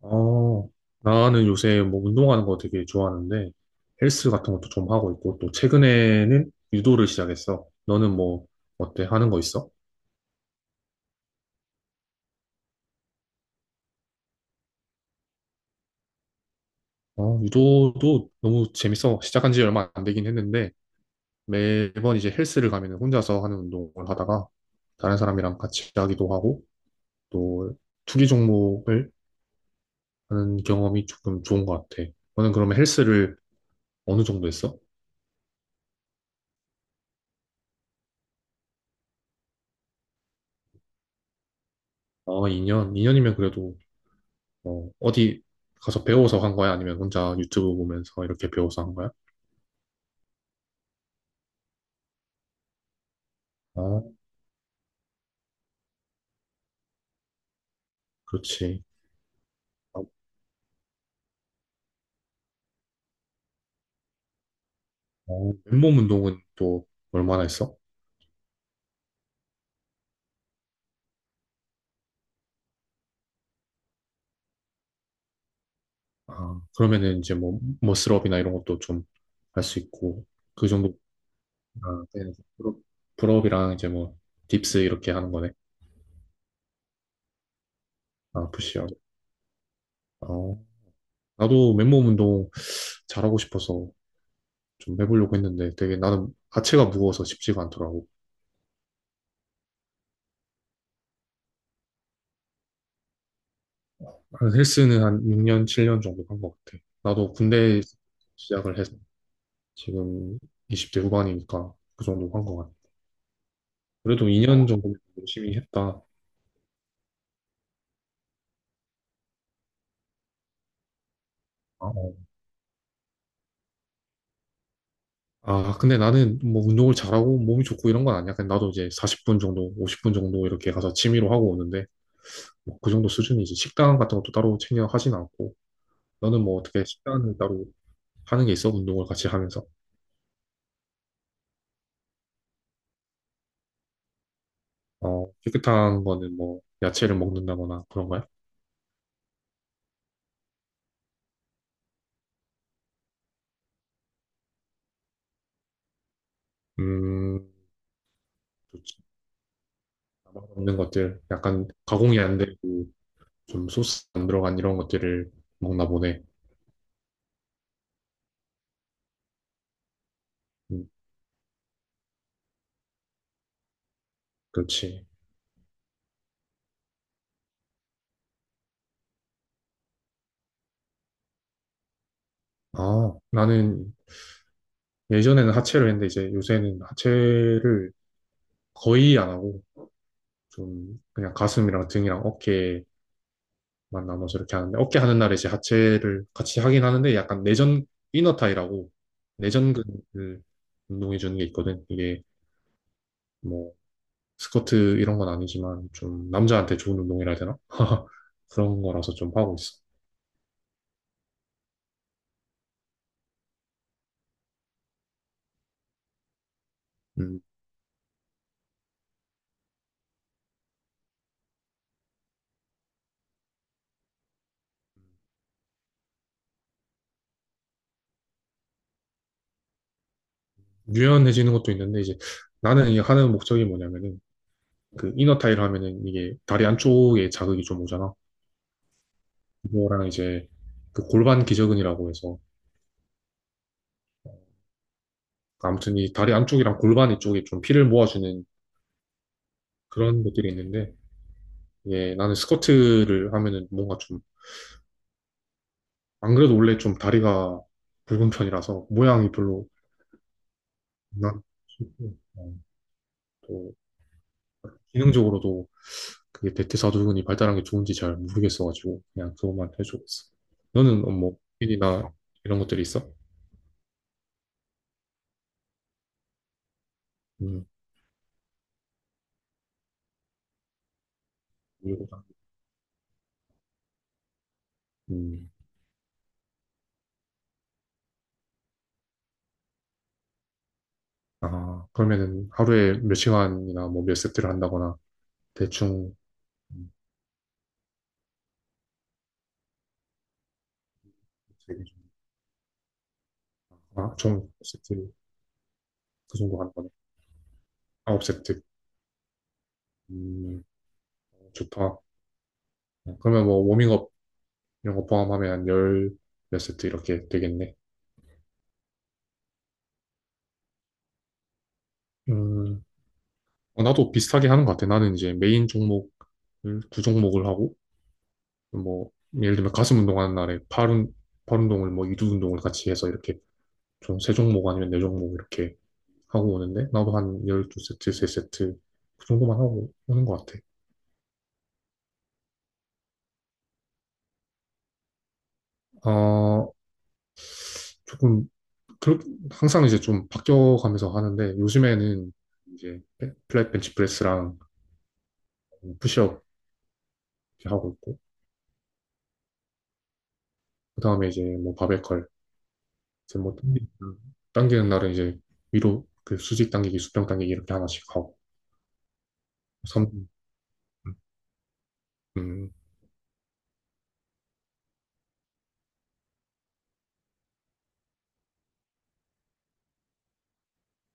어, 나는 요새 뭐 운동하는 거 되게 좋아하는데 헬스 같은 것도 좀 하고 있고 또 최근에는 유도를 시작했어. 너는 뭐 어때? 하는 거 있어? 어, 유도도 너무 재밌어. 시작한 지 얼마 안 되긴 했는데 매번 이제 헬스를 가면 혼자서 하는 운동을 하다가 다른 사람이랑 같이 하기도 하고 또 투기 종목을 하는 경험이 조금 좋은 것 같아. 너는 그러면 헬스를 어느 정도 했어? 어, 2년? 2년이면 그래도 어디 가서 배워서 한 거야? 아니면 혼자 유튜브 보면서 이렇게 배워서 한 거야? 아, 그렇지. 아, 맨몸 운동은 또 얼마나 했어? 아, 그러면은 이제 뭐, 머슬업이나 이런 것도 좀 할 수 있고, 그 정도, 아, 네. 풀업- 풀업이랑 이제 뭐, 딥스 이렇게 하는 거네. 아, 푸시업. 어, 나도 맨몸 운동 잘하고 싶어서 좀 해보려고 했는데 되게 나는 하체가 무거워서 쉽지가 않더라고. 그래서 헬스는 한 6년, 7년 정도 한 것 같아. 나도 군대 시작을 해서 지금 20대 후반이니까 그 정도 한 것 같아. 그래도 2년 정도 열심히 했다. 아, 어. 아, 근데 나는 뭐 운동을 잘하고 몸이 좋고 이런 건 아니야. 그냥 나도 이제 40분 정도, 50분 정도 이렇게 가서 취미로 하고 오는데 뭐그 정도 수준이지. 식단 같은 것도 따로 챙겨 하진 않고. 너는 뭐 어떻게 식단을 따로 하는 게 있어? 운동을 같이 하면서. 어, 깨끗한 거는 뭐 야채를 먹는다거나 그런 거야? 음, 좋지. 없는 것들, 약간 가공이 안 되고 좀 소스 안 들어간 이런 것들을 먹나 보네. 음, 그렇지. 아, 나는 예전에는 하체를 했는데 이제 요새는 하체를 거의 안 하고 좀 그냥 가슴이랑 등이랑 어깨만 나눠서 이렇게 하는데 어깨 하는 날에 이제 하체를 같이 하긴 하는데 약간 내전 이너타이라고 내전근을 운동해 주는 게 있거든. 이게 뭐 스쿼트 이런 건 아니지만 좀 남자한테 좋은 운동이라 해야 되나? 그런 거라서 좀 하고 있어. 음, 유연해지는 것도 있는데 이제 나는 이 하는 목적이 뭐냐면은 그 이너 타일 하면은 이게 다리 안쪽에 자극이 좀 오잖아. 그거랑 이제 그 골반 기저근이라고 해서 아무튼 이 다리 안쪽이랑 골반 이쪽에 좀 피를 모아주는 그런 것들이 있는데 이게 나는 스쿼트를 하면은 뭔가 좀 안 그래도 원래 좀 다리가 굵은 편이라서 모양이 별로. 난 또 기능적으로도 그게 대퇴사두근이 발달한 게 좋은지 잘 모르겠어가지고 그냥 그것만 해주고 있어. 너는 뭐 고민이나 이런 것들이 있어? 음, 모르다나. 음, 아 그러면은 하루에 몇 시간이나 뭐 몇 세트를 한다거나 대충. 음, 되게 좀-. 아, 총 세트 그 정도 하는 거네. 9세트. 음, 좋다. 어, 그러면 뭐 워밍업 이런 거 포함하면 한 열 몇 세트 이렇게 되겠네. 음. 어, 나도 비슷하게 하는 것 같아. 나는 이제 메인 종목을 두 종목을 하고 뭐 예를 들면 가슴 운동하는 날에 팔 운동을 뭐 이두 운동을 같이 해서 이렇게 좀 세 종목 아니면 네 종목 이렇게 하고 오는데 나도 한 12세트, 3세트 그 정도만 하고 오는 것 같아. 어, 조금 그렇, 항상 이제 좀 바뀌어가면서 하는데 요즘에는 이제 플랫 벤치 프레스랑 푸시업 이렇게 하고 있고 그다음에 이제 뭐 바벨컬 이제 뭐 당기는 날은 이제 위로 그 수직 당기기, 수평 당기기 이렇게 하나씩 하고 삼. 음,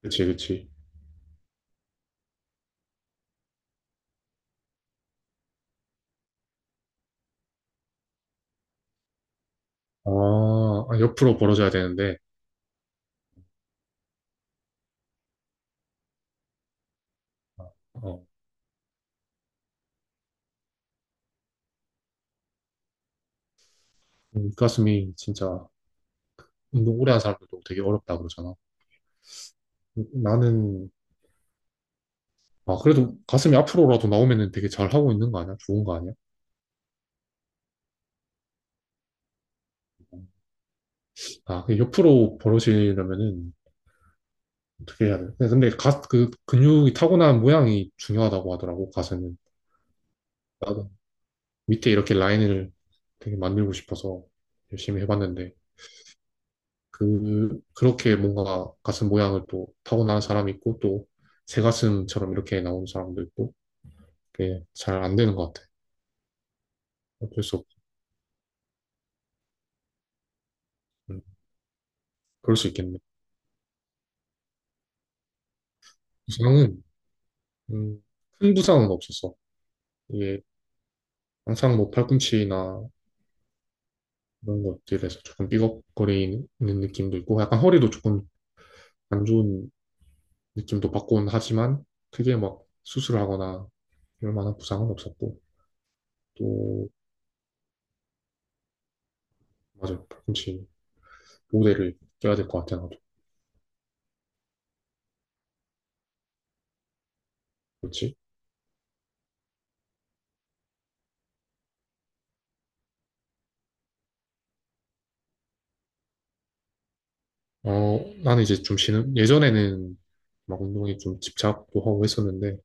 그치, 그치. 아, 아, 옆으로 벌어져야 되는데, 어, 그 가슴이 진짜 운동 오래 한 사람들도 되게 어렵다 그러잖아. 나는. 아, 그래도 가슴이 앞으로라도 나오면은 되게 잘 하고 있는 거 아니야? 좋은 거 아니야? 음, 아, 그 옆으로 벌어지려면은 어떻게 해야 돼? 네, 근데 그 근육이 타고난 모양이 중요하다고 하더라고, 가슴은. 나도 밑에 이렇게 라인을 되게 만들고 싶어서 열심히 해봤는데, 그렇게 뭔가 가슴 모양을 또 타고난 사람이 있고, 또, 새 가슴처럼 이렇게 나오는 사람도 있고, 그게 잘 안 되는 것 같아. 어쩔 수 없. 음, 그럴 수 있겠네. 부상은, 음, 큰 부상은 없었어. 이게 항상 뭐 팔꿈치나 이런 것들에서 조금 삐걱거리는 느낌도 있고, 약간 허리도 조금 안 좋은 느낌도 받곤 하지만, 크게 막 수술하거나 이럴 만한 부상은 없었고, 또, 맞아. 팔꿈치 모대를 껴야 될 것 같아, 나도. 그렇지. 어, 나는 이제 좀 쉬는, 예전에는 막 운동에 좀 집착도 하고 했었는데,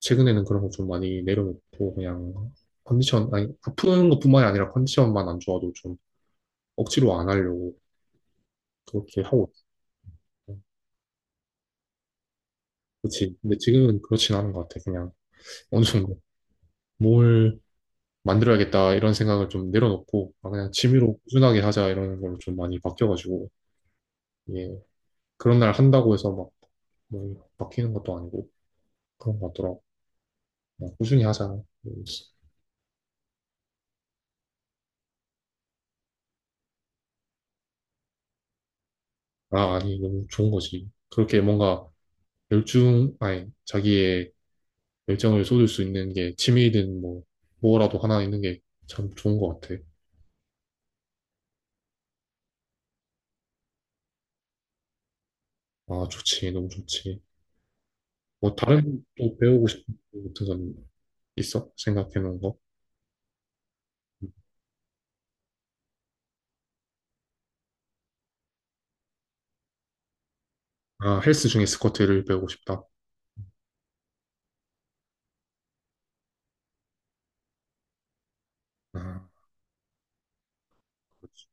최근에는 그런 거 좀 많이 내려놓고, 그냥 컨디션, 아니, 아픈 것뿐만이 아니라 컨디션만 안 좋아도 좀 억지로 안 하려고 그렇게 하고 있어요. 그렇지. 근데 지금은 그렇진 않은 것 같아. 그냥 어느 정도 뭘 만들어야겠다 이런 생각을 좀 내려놓고, 아, 그냥 취미로 꾸준하게 하자 이런 걸로 좀 많이 바뀌어가지고, 예. 그런 날 한다고 해서 막, 뭐 바뀌는 것도 아니고, 그런 것 같더라고. 그냥 꾸준히 하자. 음. 아, 아니, 너무 좋은 거지. 그렇게 뭔가 열중, 아니, 자기의 열정을 쏟을 수 있는 게 취미든 뭐, 뭐라도 하나 있는 게 참 좋은 것 같아. 아, 좋지. 너무 좋지. 뭐, 다른 또 배우고 싶은 거 같은 건 있어? 생각해 놓은 거? 아, 헬스 중에 스쿼트를 배우고 싶다. 아, 그렇지.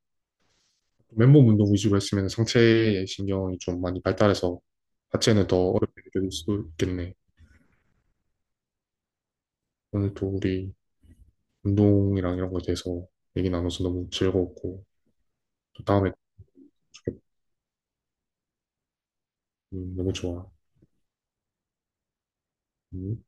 맨몸 운동 위주로 했으면 상체의 신경이 좀 많이 발달해서 하체는 더 어렵게 느껴질 수도 있겠네. 오늘 또 우리 운동이랑 이런 거에 대해서 얘기 나눠서 너무 즐거웠고, 또 다음에. 너무 좋아. 음.